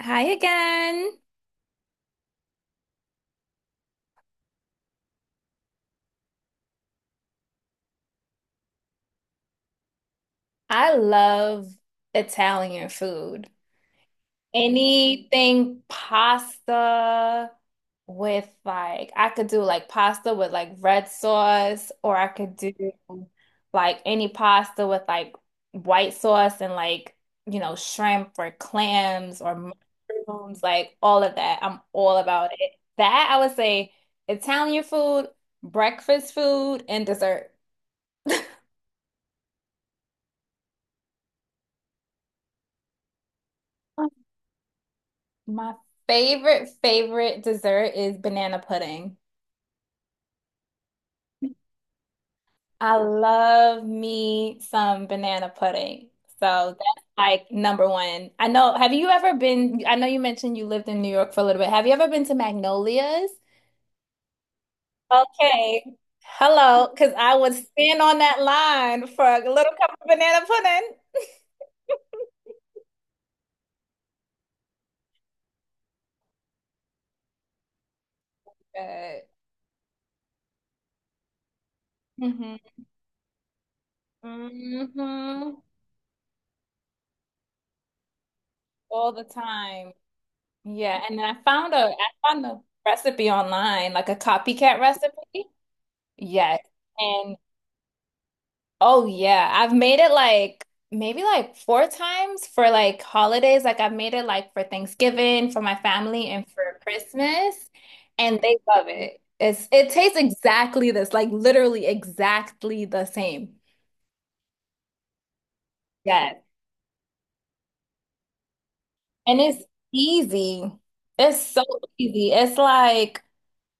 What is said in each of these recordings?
Hi again. I love Italian food. Anything pasta with like, I could do like pasta with like red sauce, or I could do like any pasta with like white sauce and like, shrimp or clams or mushrooms, like all of that. I'm all about it. That I would say Italian food, breakfast food, and dessert. My favorite, favorite dessert is banana pudding. I love me some banana pudding. So that's like number one. I know, have you ever been? I know you mentioned you lived in New York for a little bit. Have you ever been to Magnolia's? Okay. Hello, because I would stand on that line for a little cup of banana pudding. Good. Mhm. Hmm. All the time. Yeah, and I found a recipe online, like a copycat recipe. Yes. And oh yeah, I've made it like maybe like four times for like holidays. Like I've made it like for Thanksgiving, for my family, and for Christmas, and they love it. It tastes exactly this, like literally exactly the same. Yes. And it's easy. It's so easy. It's like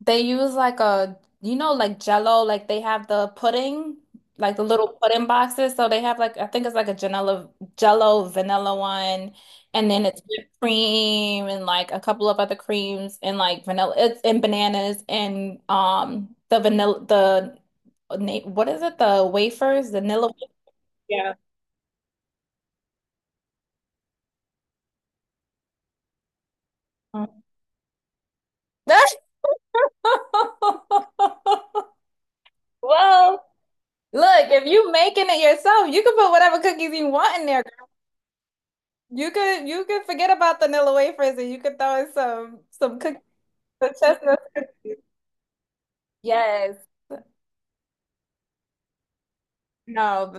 they use like a, like Jello, like they have the pudding, like the little pudding boxes. So they have like, I think it's like a Janella, Jello vanilla one, and then it's whipped cream and like a couple of other creams and like vanilla, it's and bananas and the vanilla, the what is it? The wafers, vanilla. Yeah. Well, look, if you making it yourself, you can put whatever cookies you want in there. You could forget about the vanilla wafers and you could throw in some cookies, the chestnut cookies. Yes. No,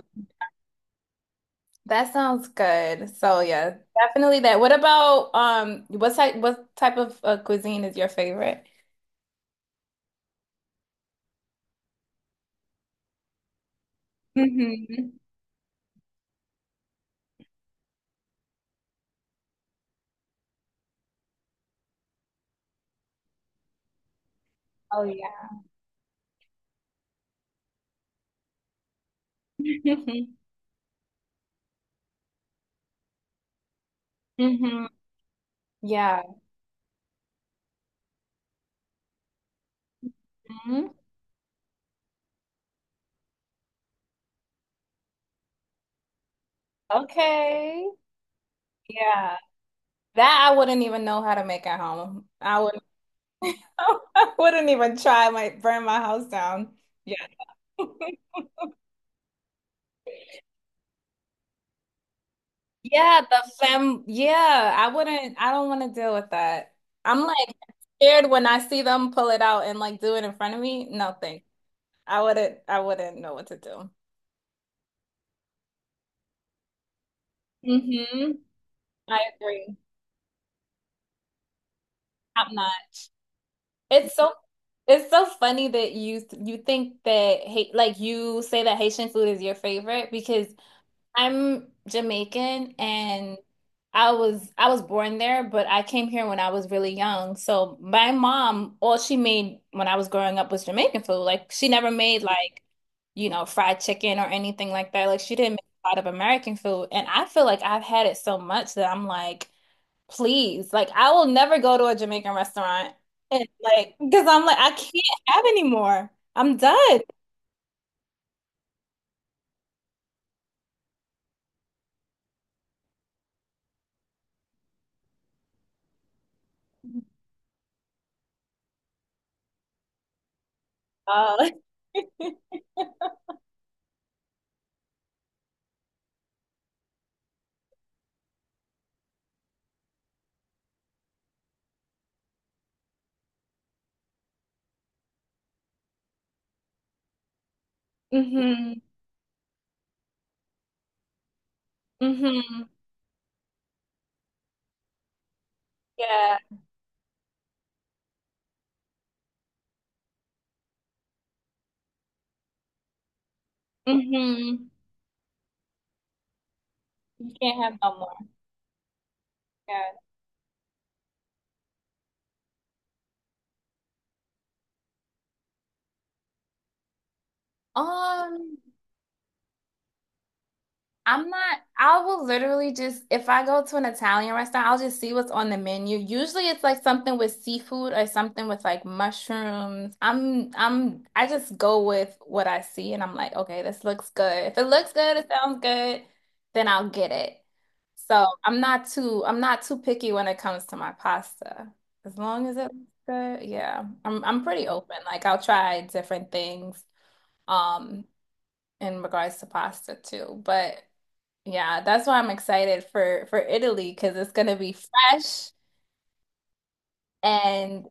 that sounds good. So yeah, definitely that. What about what type of cuisine is your favorite? Hmm. Oh yeah. Hmm. Yeah. Hmm. Okay. Yeah. That I wouldn't even know how to make at home. I would I wouldn't even try, I might burn my house down. Yeah. Yeah, the fem. Yeah, I wouldn't. I don't want to deal with that. I'm like scared when I see them pull it out and like do it in front of me. No, thanks. I wouldn't. I wouldn't know what to do. Hmm. I agree. Top notch. It's so. It's so funny that you think that hate like you say that Haitian food is your favorite because I'm Jamaican and I was born there, but I came here when I was really young. So my mom, all she made when I was growing up was Jamaican food. Like she never made like, fried chicken or anything like that. Like she didn't make a lot of American food. And I feel like I've had it so much that I'm like, please, like I will never go to a Jamaican restaurant and like because I'm like I can't have anymore. I'm done. Uh, mm-hmm. Mm-hmm. Yeah. Mm-hmm. You can't have no more. Yeah. Um, I will literally just, if I go to an Italian restaurant, I'll just see what's on the menu. Usually it's like something with seafood or something with like mushrooms. I just go with what I see and I'm like, okay, this looks good. If it looks good, it sounds good, then I'll get it. So I'm not too picky when it comes to my pasta. As long as it looks good, yeah. I'm pretty open. Like I'll try different things. Um, in regards to pasta too. But yeah, that's why I'm excited for Italy because it's gonna be fresh and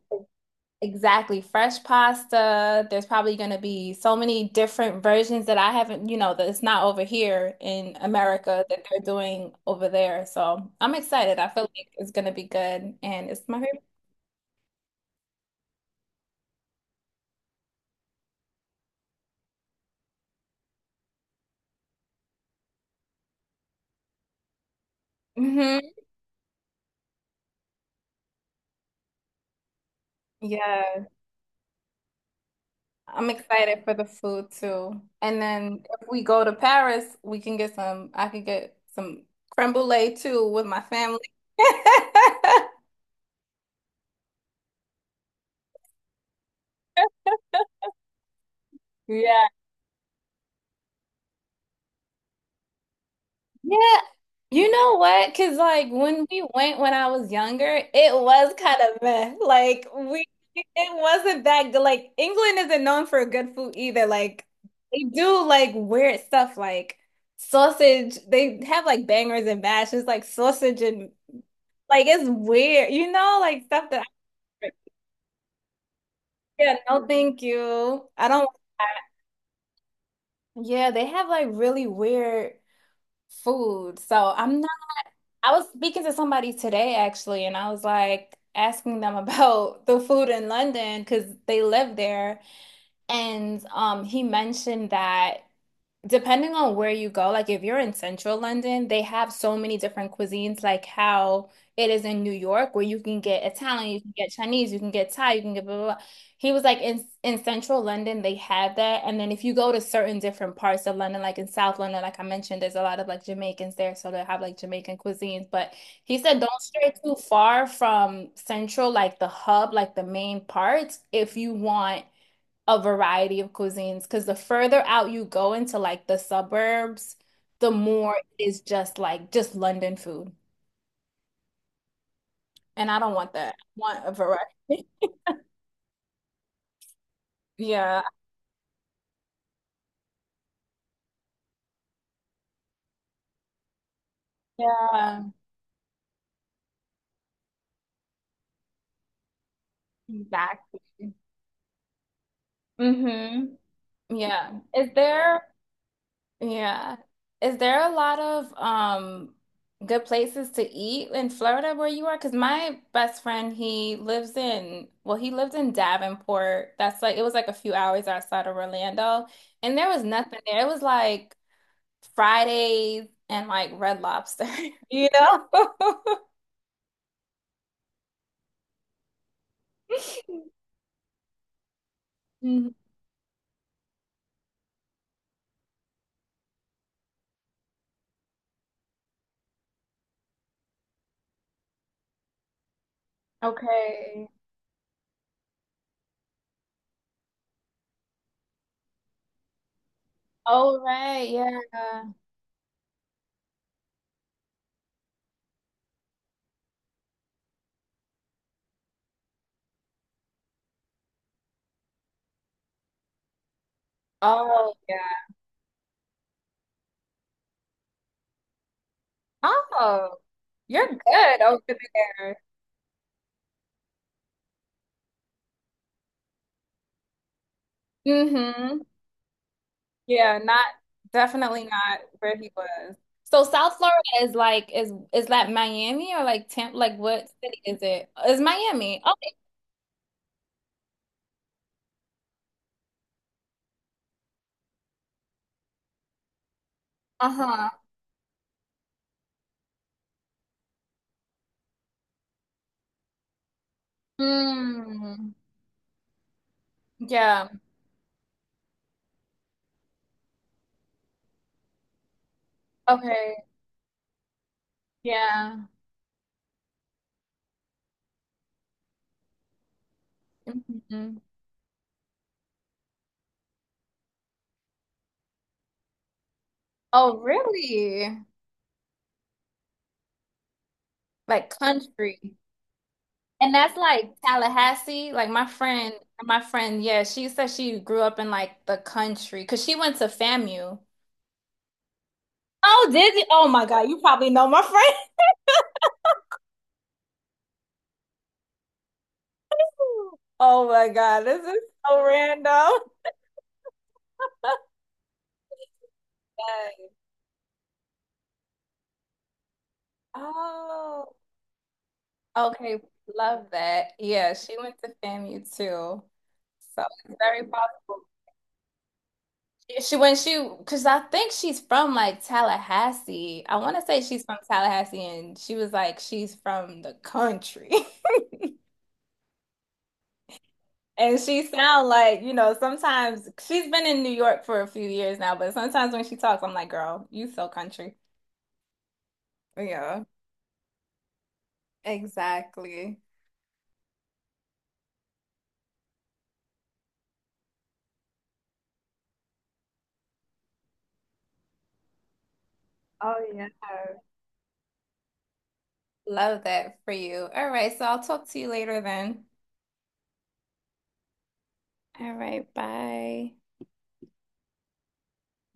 exactly fresh pasta. There's probably gonna be so many different versions that I haven't, that it's not over here in America that they're doing over there. So I'm excited. I feel like it's gonna be good and it's my favorite. Hmm. Yeah. I'm excited for the food too. And then if we go to Paris, we can get I can get some creme brulee too with my family. Yeah. Yeah. You know what? Because, like, when we went when I was younger, it was kind of meh. Like, it wasn't that good. Like, England isn't known for good food either. Like, they do like weird stuff, like sausage. They have like bangers and mash. It's like sausage and like it's weird, like stuff that I, yeah, no, thank you. I don't. Yeah, they have like really weird food. So I'm not, I was speaking to somebody today actually, and I was like asking them about the food in London because they live there. And he mentioned that, depending on where you go, like if you're in central London, they have so many different cuisines, like how it is in New York, where you can get Italian, you can get Chinese, you can get Thai, you can get blah, blah, blah. He was like in central London, they have that. And then if you go to certain different parts of London, like in South London, like I mentioned, there's a lot of like Jamaicans there, so they have like Jamaican cuisines. But he said don't stray too far from central, like the hub, like the main parts, if you want a variety of cuisines because the further out you go into like the suburbs, the more it is just like just London food. And I don't want that. I want a variety. Yeah. Yeah. Exactly. Mm-hmm. Yeah. Is there yeah, is there a lot of good places to eat in Florida where you are? Because my best friend, well, he lived in Davenport. That's like it was like a few hours outside of Orlando, and there was nothing there. It was like Fridays and like Red Lobster, you know? Mhm. Okay. Oh, right. Yeah. Oh, yeah. Oh, you're good over there. Yeah, not definitely not where he was. So South Florida is like is that Miami or like Tampa? Like what city is it's Miami. Okay. Uh-huh. Hmm. Yeah. Okay. Yeah. Hmm. Oh, really? Like country. And that's like Tallahassee. Like my friend, yeah, she said she grew up in like the country because she went to FAMU. Oh, did you? Oh my God, you probably know my friend. Oh my God, this is so random. Yes. Oh, okay. Love that. Yeah, she went to FAMU too. So it's very possible. Yeah, she when she because I think she's from like Tallahassee. I want to say she's from Tallahassee and she was like she's from the country. And she sound like, sometimes she's been in New York for a few years now, but sometimes when she talks, I'm like, girl, you so country. Yeah, exactly. Oh, yeah. Love that for you. All right, so I'll talk to you later then. All right, bye.